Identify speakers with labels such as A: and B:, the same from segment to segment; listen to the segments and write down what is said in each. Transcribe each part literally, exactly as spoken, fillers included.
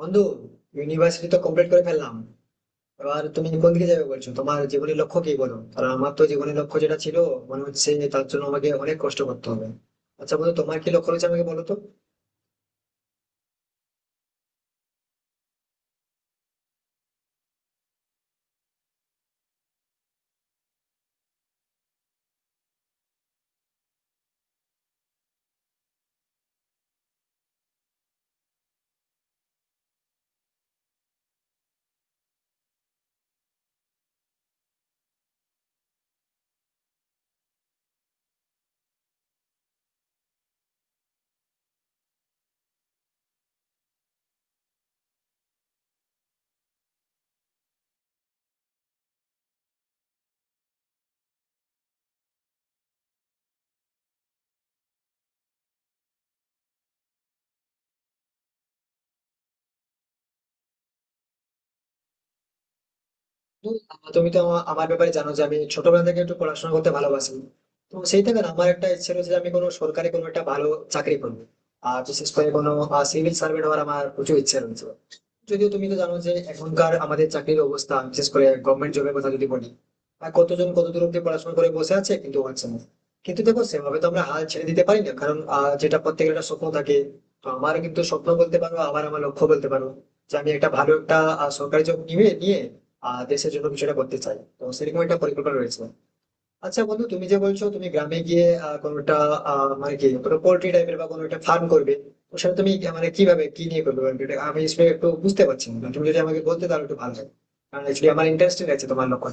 A: বন্ধু ইউনিভার্সিটি তো কমপ্লিট করে ফেললাম। এবার তুমি কোন দিকে যাবে বলছো, তোমার জীবনের লক্ষ্য কি বলো? কারণ আমার তো জীবনের লক্ষ্য যেটা ছিল মনে হচ্ছে যে তার জন্য আমাকে অনেক কষ্ট করতে হবে। আচ্ছা বন্ধু, তোমার কি লক্ষ্য রয়েছে আমাকে বলো তো। বন্ধু, আহ, তুমি তো আমা- আমার ব্যাপারে জানো যে আমি ছোটবেলা থেকে একটু পড়াশোনা করতে ভালোবাসি। তো সেই থেকে না আমার একটা ইচ্ছে রয়েছে যে আমি কোনো সরকারি কোনো একটা ভালো চাকরি করবো। আর বিশেষ করে কোনো সিভিল সার্ভেন্ট হওয়ার আমার প্রচুর ইচ্ছে রয়েছে। যদিও তুমি তো জানো যে এখনকার আমাদের চাকরির অবস্থা, বিশেষ করে গভর্নমেন্ট জবের কথা যদি বলি, আর কতজন কত দূর অব্দি পড়াশোনা করে বসে আছে কিন্তু হচ্ছে না। কিন্তু দেখো, সেভাবে তো আমরা হাল ছেড়ে দিতে পারি না, কারণ আহ, যেটা প্রত্যেকের একটা স্বপ্ন থাকে। তো আমার কিন্তু স্বপ্ন বলতে পারো, আবার আমার লক্ষ্য বলতে পারো, যে আমি একটা ভালো একটা আহ, সরকারি জব নিয়ে নিয়ে আহ, দেশের জন্য কিছু একটা করতে চাই। তো সেরকম একটা পরিকল্পনা রয়েছে। আচ্ছা বন্ধু, তুমি যে বলছো তুমি গ্রামে গিয়ে আহ, কোনোটা আহ, মানে কি কোনো পোল্ট্রি টাইপের বা কোনো একটা ফার্ম করবে, তো সেটা তুমি আহ, মানে কিভাবে কি নিয়ে করবে, মানে এটা আমি আসলে একটু বুঝতে পারছি না। তুমি যদি আমাকে বলতে তাহলে একটু ভালো হয়, কারণ অ্যাকচুয়ালি আমার ইন্টারেস্টেড আছে তোমার লক্ষ্য।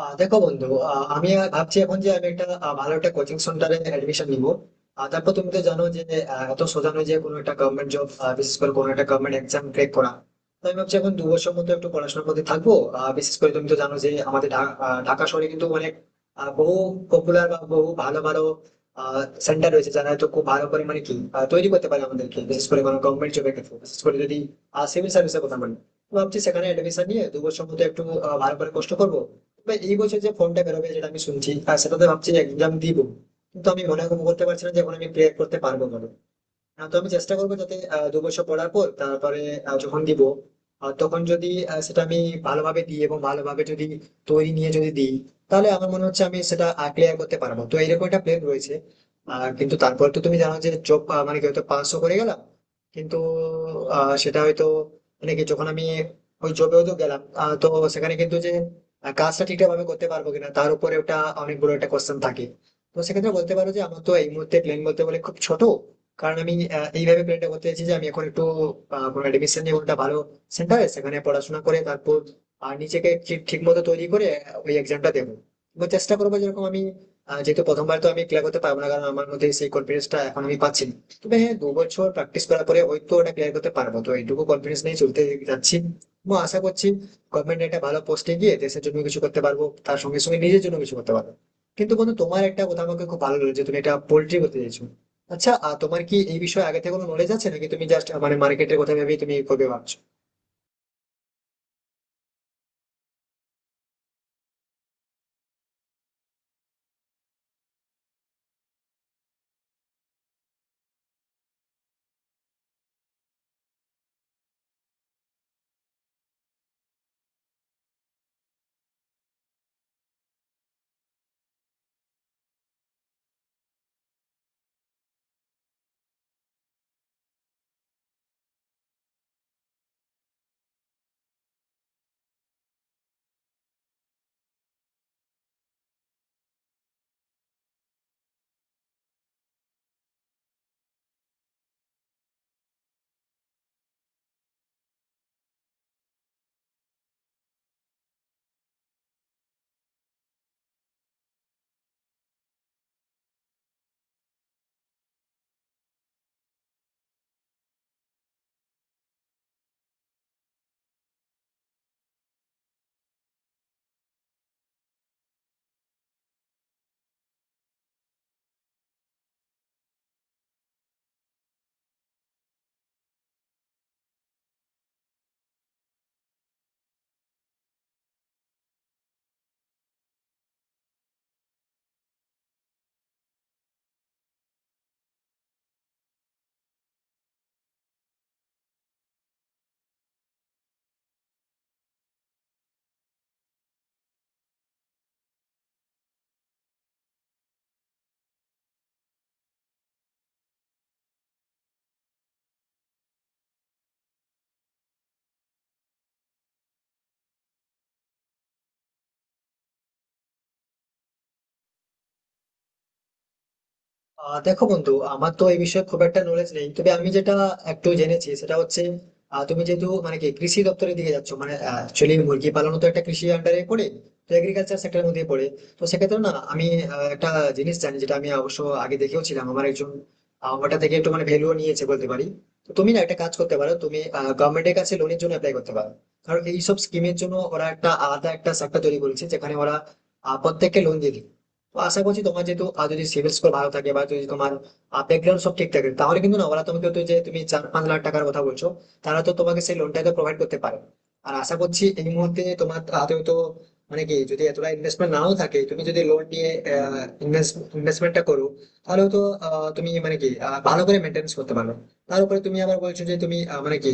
A: আহ দেখো বন্ধু, আহ, আমি আর ভাবছি এখন যে আমি একটা আহ, ভালো একটা কোচিং সেন্টারে অ্যাডমিশন নিব। আর তারপর তুমি তো জানো যে আহ, এত সোজা নয় যে কোনো একটা গভর্নমেন্ট জব, বিশেষ করে কোনো একটা গভর্নমেন্ট এক্সাম ক্র্যাক করা। তো আমি ভাবছি এখন দু বছর মতো একটু পড়াশোনার মধ্যে থাকবো। আহ, বিশেষ করে তুমি তো জানো যে আমাদের ঢা- আহ, ঢাকা শহরে কিন্তু অনেক আহ, বহু পপুলার বা বহু ভালো ভালো সেন্টার রয়েছে, যারা হয়তো খুব ভালো করে মানে কি আহ, তৈরি করতে পারে আমাদেরকে, বিশেষ করে কোনো গভর্নমেন্ট জবের ক্ষেত্রে, বিশেষ করে যদি সিভিল সার্ভিসের কথা বলি। তো ভাবছি সেখানে অ্যাডমিশন নিয়ে দু বছর মতো একটু আহ, ভালো করে কষ্ট করবো। তবে এই বছর যে ফোনটা বেরোবে যেটা আমি শুনছি, আর সেটাতে ভাবছি এক্সাম দিব, কিন্তু আমি মনে করতে পারছি না যে এখন আমি ক্লিয়ার করতে পারবো না। আহ, তো আমি চেষ্টা করবো যাতে আহ, দু বছর পড়ার পর তারপরে আহ, যখন দিব, আহ, তখন যদি আহ, সেটা আমি ভালোভাবে দিই এবং ভালোভাবে যদি তৈরি নিয়ে যদি দিই, তাহলে আমার মনে হচ্ছে আমি সেটা ক্লিয়ার করতে পারবো। তো এরকম একটা প্ল্যান রয়েছে। আর কিন্তু তারপর তো তুমি জানো যে জব, মানে কি হয়তো পাসও করে গেলাম, কিন্তু আহ, সেটা হয়তো মানে কি যখন আমি ওই জবে হয়তো গেলাম, আহ, তো সেখানে কিন্তু যে আহ, কাজটা ঠিকঠাক ভাবে করতে পারবো কিনা তার উপরে ওটা অনেক বড় একটা কোশ্চেন থাকে। তো সেক্ষেত্রে বলতে পারো যে আমার তো এই মুহূর্তে প্ল্যান বলতে গেলে খুব ছোট, কারণ আমি আহ, এইভাবে প্ল্যানটা করতে চাইছি যে আমি এখন একটু আহ, কোনো এডমিশন নিয়ে কোনটা ভালো সেন্টারে সেখানে পড়াশোনা করে তারপর আহ, নিজেকে ঠিক ঠিক মতো তৈরি করে ওই এক্সামটা দেবো। এবং চেষ্টা করবো যেরকম আমি আহ, যেহেতু প্রথমবার তো আমি ক্লিয়ার করতে পারবো না, কারণ আমার মধ্যে সেই কনফিডেন্সটা এখন আমি পাচ্ছি না। তবে হ্যাঁ, দু বছর প্র্যাকটিস করার পরে ওই তো ওটা ক্লিয়ার করতে পারবো, তো এইটুকু কনফিডেন্স নিয়ে চলতে যাচ্ছি। এবং আশা করছি গভর্নমেন্ট একটা ভালো পোস্টে গিয়ে দেশের জন্য কিছু করতে পারবো, তার সঙ্গে সঙ্গে নিজের জন্য কিছু করতে পারবো। কিন্তু বন্ধু, তোমার একটা কথা আমাকে খুব ভালো লেগেছে, তুমি এটা পোল্ট্রি করতে চাইছো। আচ্ছা আহ, তোমার কি এই বিষয়ে আগে থেকে কোনো নলেজ আছে, নাকি তুমি জাস্ট মানে মার্কেটের কথা ভেবেই তুমি করবে ভাবছো? আহ দেখো বন্ধু, আমার তো এই বিষয়ে খুব একটা নলেজ নেই, তবে আমি যেটা একটু জেনেছি সেটা হচ্ছে আহ, তুমি যেহেতু মানে কি কৃষি দপ্তরের দিকে যাচ্ছ, মানে অ্যাকচুয়ালি মুরগি পালন তো একটা কৃষি আন্ডারে পড়ে, তো এগ্রিকালচার সেক্টরের মধ্যে পড়ে। তো সেক্ষেত্রে না আমি আহ, একটা জিনিস জানি, যেটা আমি অবশ্য আগে দেখেও ছিলাম, আমার একজন আহ, ওটা থেকে একটু মানে ভ্যালুও নিয়েছে বলতে পারি। তো তুমি না একটা কাজ করতে পারো, তুমি গভর্নমেন্টের কাছে লোনের জন্য অ্যাপ্লাই করতে পারো। কারণ এইসব স্কিমের জন্য ওরা একটা আলাদা একটা সেক্টর তৈরি করেছে, যেখানে ওরা আহ, প্রত্যেককে লোন দিয়ে দিবে। তো আশা করছি তোমার যেহেতু আহ, যদি সিভিল স্কোর ভালো থাকে বা যদি তোমার ব্যাকগ্রাউন্ড সব ঠিক থাকে, তাহলে কিন্তু না ওরা তোমাকে, তো যে তুমি চার পাঁচ লাখ টাকার কথা বলছো, তারা তো তোমাকে সেই লোনটা তো প্রোভাইড করতে পারে। আর আশা করছি এই মুহূর্তে তোমার হাতে তো মানে কি যদি এতটা ইনভেস্টমেন্ট নাও থাকে, তুমি যদি লোন নিয়ে ইনভেস্টমেন্টটা করো, তাহলে তো আহ, তুমি মানে কি আহ, ভালো করে মেনটেন্স করতে পারো। তার উপরে তুমি আবার বলছো যে তুমি আহ, মানে কি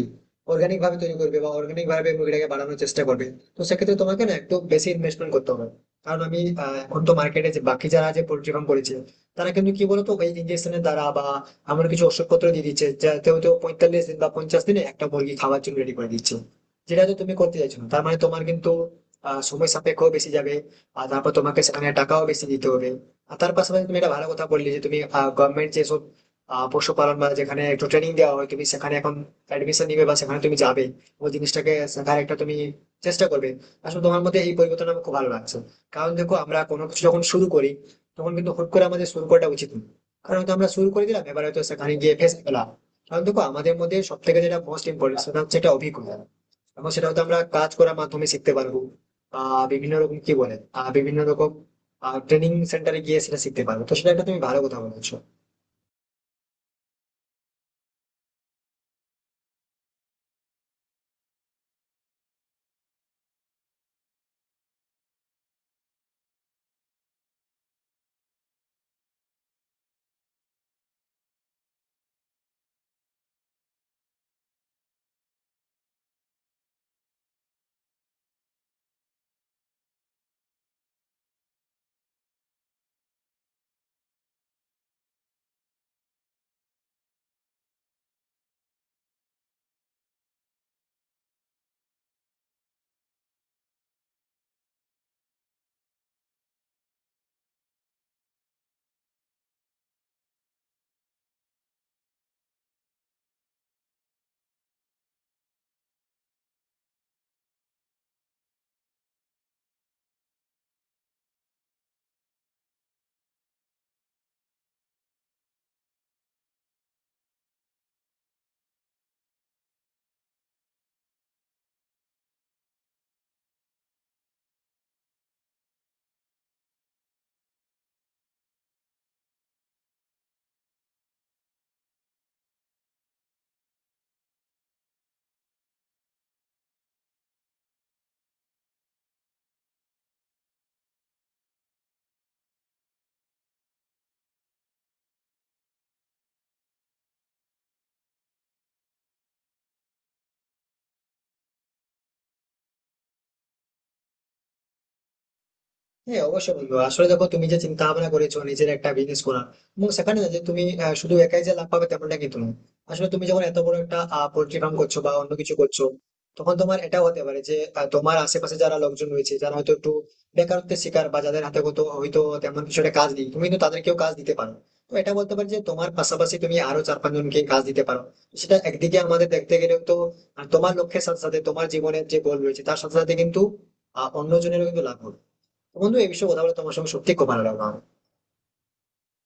A: অর্গানিক ভাবে তৈরি করবে বা অর্গানিক ভাবে মুরগিটাকে বাড়ানোর চেষ্টা করবে, তো সেক্ষেত্রে তোমাকে না একটু বেশি ইনভেস্টমেন্ট করতে হবে। কারণ আমি আহ, এখন তো মার্কেটে যে বাকি যারা যে পোল্ট্রি ফার্ম করেছে, তারা কিন্তু কি বলতো, ওই ইঞ্জেকশনের দ্বারা বা এমন কিছু ওষুধপত্র দিয়ে দিচ্ছে যাতে হয়তো পঁয়তাল্লিশ দিন বা পঞ্চাশ দিনে একটা মুরগি খাওয়ার জন্য রেডি করে দিচ্ছে। যেটা তো তুমি করতে চাইছো না, তার মানে তোমার কিন্তু আহ, সময় সাপেক্ষ বেশি যাবে, আর তারপর তোমাকে সেখানে টাকাও বেশি দিতে হবে। আর তার পাশাপাশি তুমি এটা ভালো কথা বললে, যে তুমি গভর্নমেন্ট যেসব আহ, পশুপালন বা যেখানে একটু ট্রেনিং দেওয়া হয় তুমি সেখানে এখন অ্যাডমিশন নিবে বা সেখানে তুমি যাবে, ওই জিনিসটাকে শেখার একটা তুমি চেষ্টা করবে। আসলে তোমার মধ্যে এই পরিবর্তন আমার খুব ভালো লাগছে। কারণ দেখো, আমরা কোনো কিছু যখন শুরু করি তখন কিন্তু হুট করে আমাদের শুরু করাটা উচিত নয়, কারণ হয়তো আমরা শুরু করে দিলাম, এবার হয়তো সেখানে গিয়ে ফেসে গেলাম। কারণ দেখো আমাদের মধ্যে সব থেকে যেটা মোস্ট ইম্পর্টেন্ট সেটা হচ্ছে একটা অভিজ্ঞতা, এবং সেটা হয়তো আমরা কাজ করার মাধ্যমে শিখতে পারবো। আহ বিভিন্ন রকম কি বলে আহ বিভিন্ন রকম ট্রেনিং সেন্টারে গিয়ে সেটা শিখতে পারবো, তো সেটা একটা তুমি ভালো কথা বলেছো। হ্যাঁ অবশ্যই বন্ধু। আসলে দেখো, তুমি যে চিন্তা ভাবনা করেছো নিজের একটা বিজনেস করার, এবং সেখানে না যে তুমি আহ, শুধু একাই যে লাভ পাবে তেমনটা কিন্তু নয়। আসলে তুমি যখন এত বড় একটা পোল্ট্রি ফার্ম করছো বা অন্য কিছু করছো, তখন তোমার এটা হতে পারে যে আহ, তোমার আশেপাশে যারা লোকজন রয়েছে যারা হয়তো একটু বেকারত্বের শিকার বা যাদের হাতে হয়তো হয়তো তেমন কিছু একটা কাজ নেই, তুমি কিন্তু তাদেরকেও কাজ দিতে পারো। তো এটা বলতে পারি যে তোমার পাশাপাশি তুমি আরো চার পাঁচ জনকে কাজ দিতে পারো। সেটা একদিকে আমাদের দেখতে গেলে তো আহ, তোমার লক্ষ্যের সাথে সাথে তোমার জীবনের যে গোল রয়েছে তার সাথে সাথে কিন্তু আহ, অন্যজনেরও কিন্তু লাভ হবে। তো বন্ধু, এই বিষয়ে কথা বলে তোমার সঙ্গে সত্যি খুব ভালো লাগলো আমার।